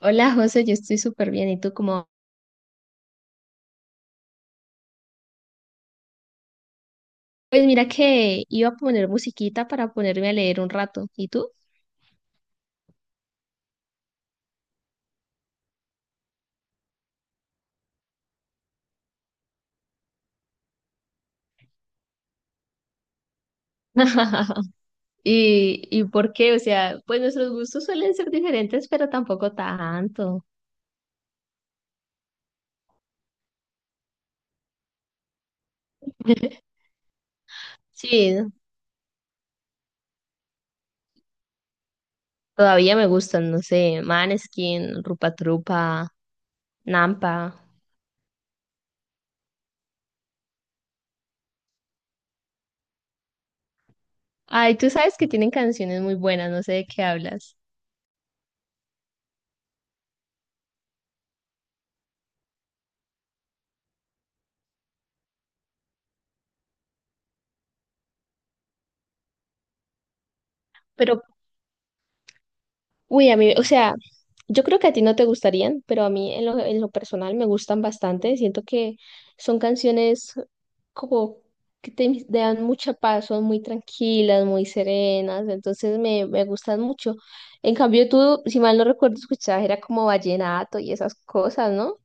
Hola José, yo estoy súper bien. ¿Y tú cómo? Pues mira que iba a poner musiquita para ponerme a leer un rato. ¿Y tú? ¿Y por qué? O sea, pues nuestros gustos suelen ser diferentes, pero tampoco tanto. Sí, todavía me gustan, no sé, Maneskin, Rupa Trupa, Nampa. Ay, tú sabes que tienen canciones muy buenas, no sé de qué hablas. Pero, uy, a mí, o sea, yo creo que a ti no te gustarían, pero a mí en lo personal me gustan bastante. Siento que son canciones como que te dan mucha paz, son muy tranquilas, muy serenas, entonces me gustan mucho. En cambio, tú, si mal no recuerdo, escuchabas, era como vallenato y esas cosas, ¿no?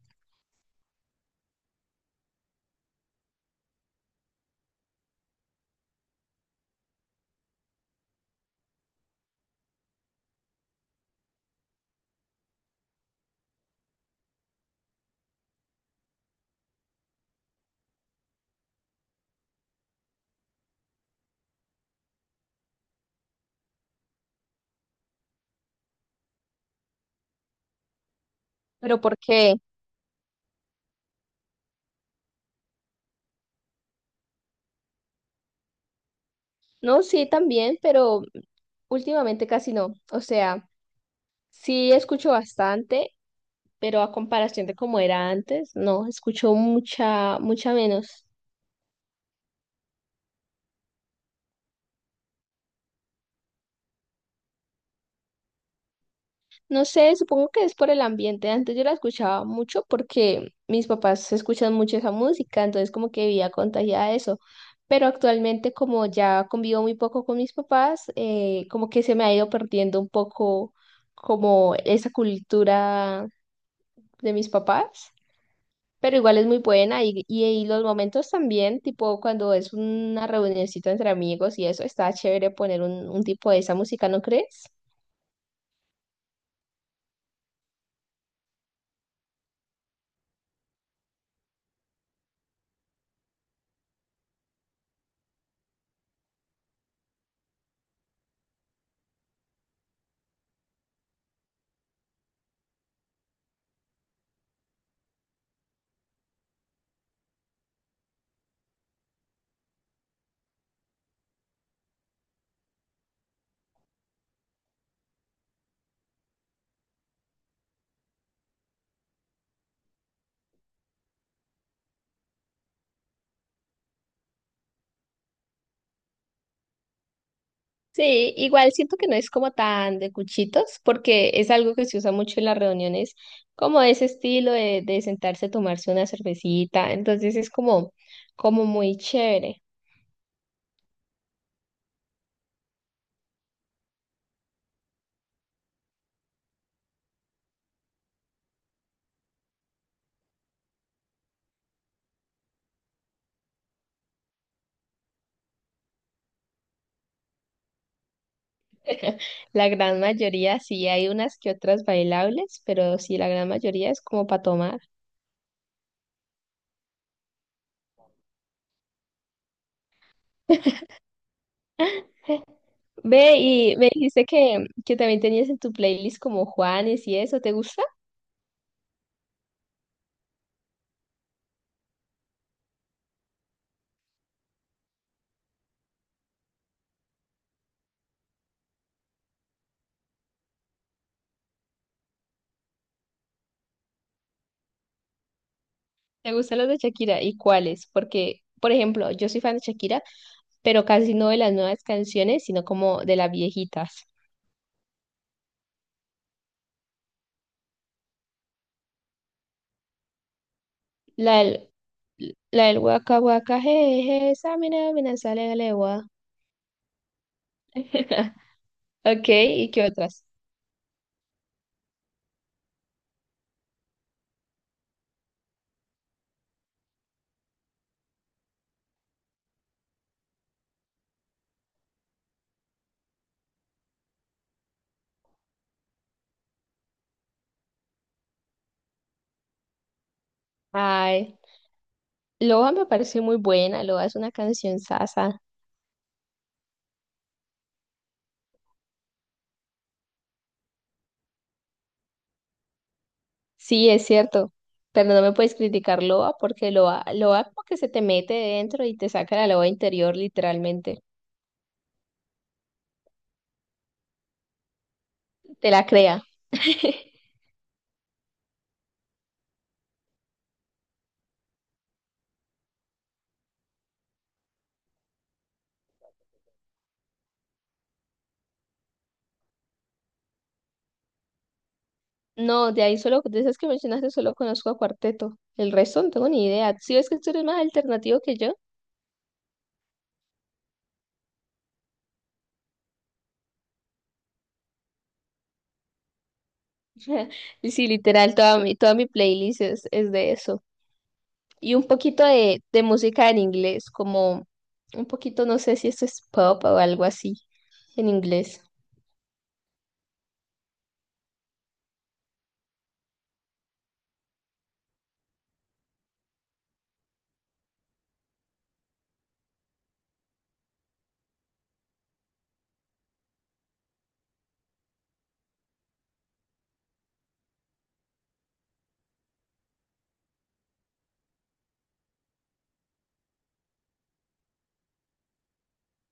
Pero ¿por qué? No, sí, también, pero últimamente casi no. O sea, sí escucho bastante, pero a comparación de como era antes, no, escucho mucha menos. No sé, supongo que es por el ambiente. Antes yo la escuchaba mucho porque mis papás escuchan mucho esa música, entonces como que vivía contagiada de eso. Pero actualmente como ya convivo muy poco con mis papás, como que se me ha ido perdiendo un poco como esa cultura de mis papás. Pero igual es muy buena y los momentos también, tipo cuando es una reunioncita entre amigos y eso, está chévere poner un tipo de esa música, ¿no crees? Sí, igual siento que no es como tan de cuchitos, porque es algo que se usa mucho en las reuniones, como ese estilo de sentarse a tomarse una cervecita, entonces es como muy chévere. La gran mayoría sí hay unas que otras bailables, pero sí, la gran mayoría es como para tomar. Ve y me dijiste que también tenías en tu playlist como Juanes y eso, ¿te gusta? ¿Te gustan los de Shakira? ¿Y cuáles? Porque, por ejemplo, yo soy fan de Shakira, pero casi no de las nuevas canciones, sino como de las viejitas. La del, la del waka waka, jeje, esa mina, mina, sale de legua. Ok, ¿y qué otras? Ay, loa me parece muy buena, loa es una canción sasa. Sí, es cierto, pero no me puedes criticar loa porque loa loa como que se te mete dentro y te saca la loa interior literalmente, te la crea. No, de ahí solo, de esas que mencionaste, solo conozco a Cuarteto, el resto no tengo ni idea. Si ves que tú eres más alternativo que yo. Sí, literal, toda mi playlist es de eso. Y un poquito de música en inglés, como un poquito, no sé si esto es pop o algo así en inglés.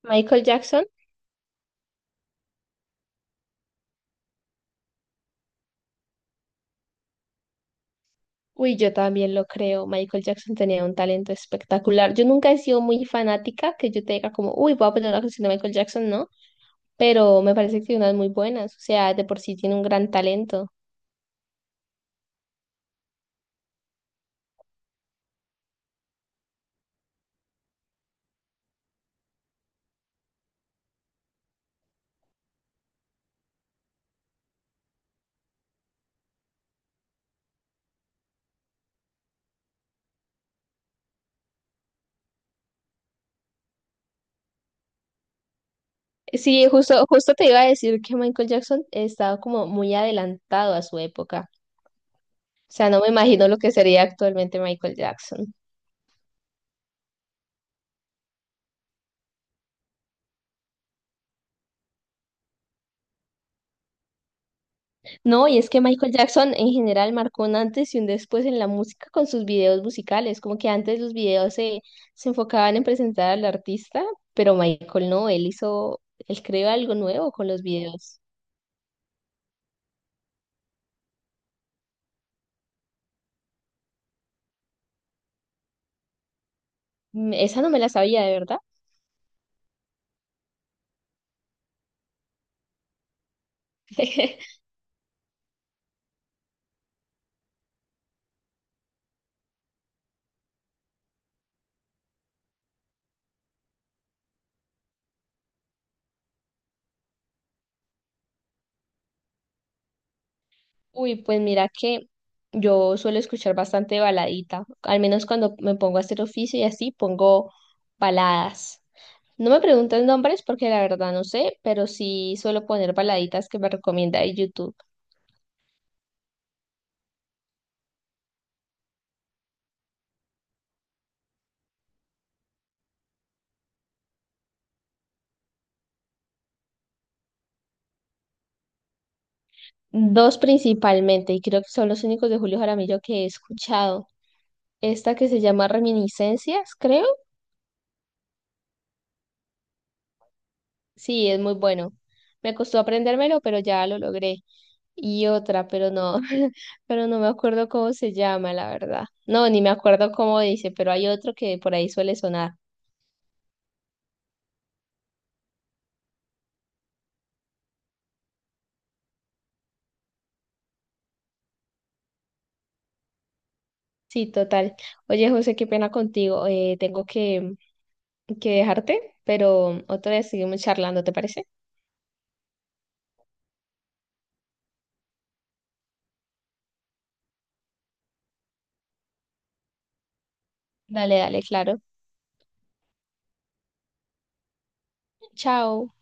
Michael Jackson, uy, yo también lo creo. Michael Jackson tenía un talento espectacular. Yo nunca he sido muy fanática, que yo te diga como, uy, voy a poner una canción de Michael Jackson, ¿no? Pero me parece que tiene unas muy buenas. O sea, de por sí tiene un gran talento. Sí, justo, justo te iba a decir que Michael Jackson estaba como muy adelantado a su época. O sea, no me imagino lo que sería actualmente Michael Jackson. No, y es que Michael Jackson en general marcó un antes y un después en la música con sus videos musicales. Como que antes los se enfocaban en presentar al artista, pero Michael no, él hizo, él creó algo nuevo con los videos. Mm, esa no me la sabía, de verdad. Uy, pues mira que yo suelo escuchar bastante baladita, al menos cuando me pongo a hacer oficio y así pongo baladas. No me pregunten nombres porque la verdad no sé, pero sí suelo poner baladitas que me recomienda de YouTube. Dos principalmente, y creo que son los únicos de Julio Jaramillo que he escuchado. Esta que se llama Reminiscencias, creo. Sí, es muy bueno. Me costó aprendérmelo, pero ya lo logré. Y otra, pero no, pero no me acuerdo cómo se llama, la verdad. No, ni me acuerdo cómo dice, pero hay otro que por ahí suele sonar. Sí, total. Oye, José, qué pena contigo. Tengo que dejarte, pero otra vez seguimos charlando, ¿te parece? Dale, claro. Chao.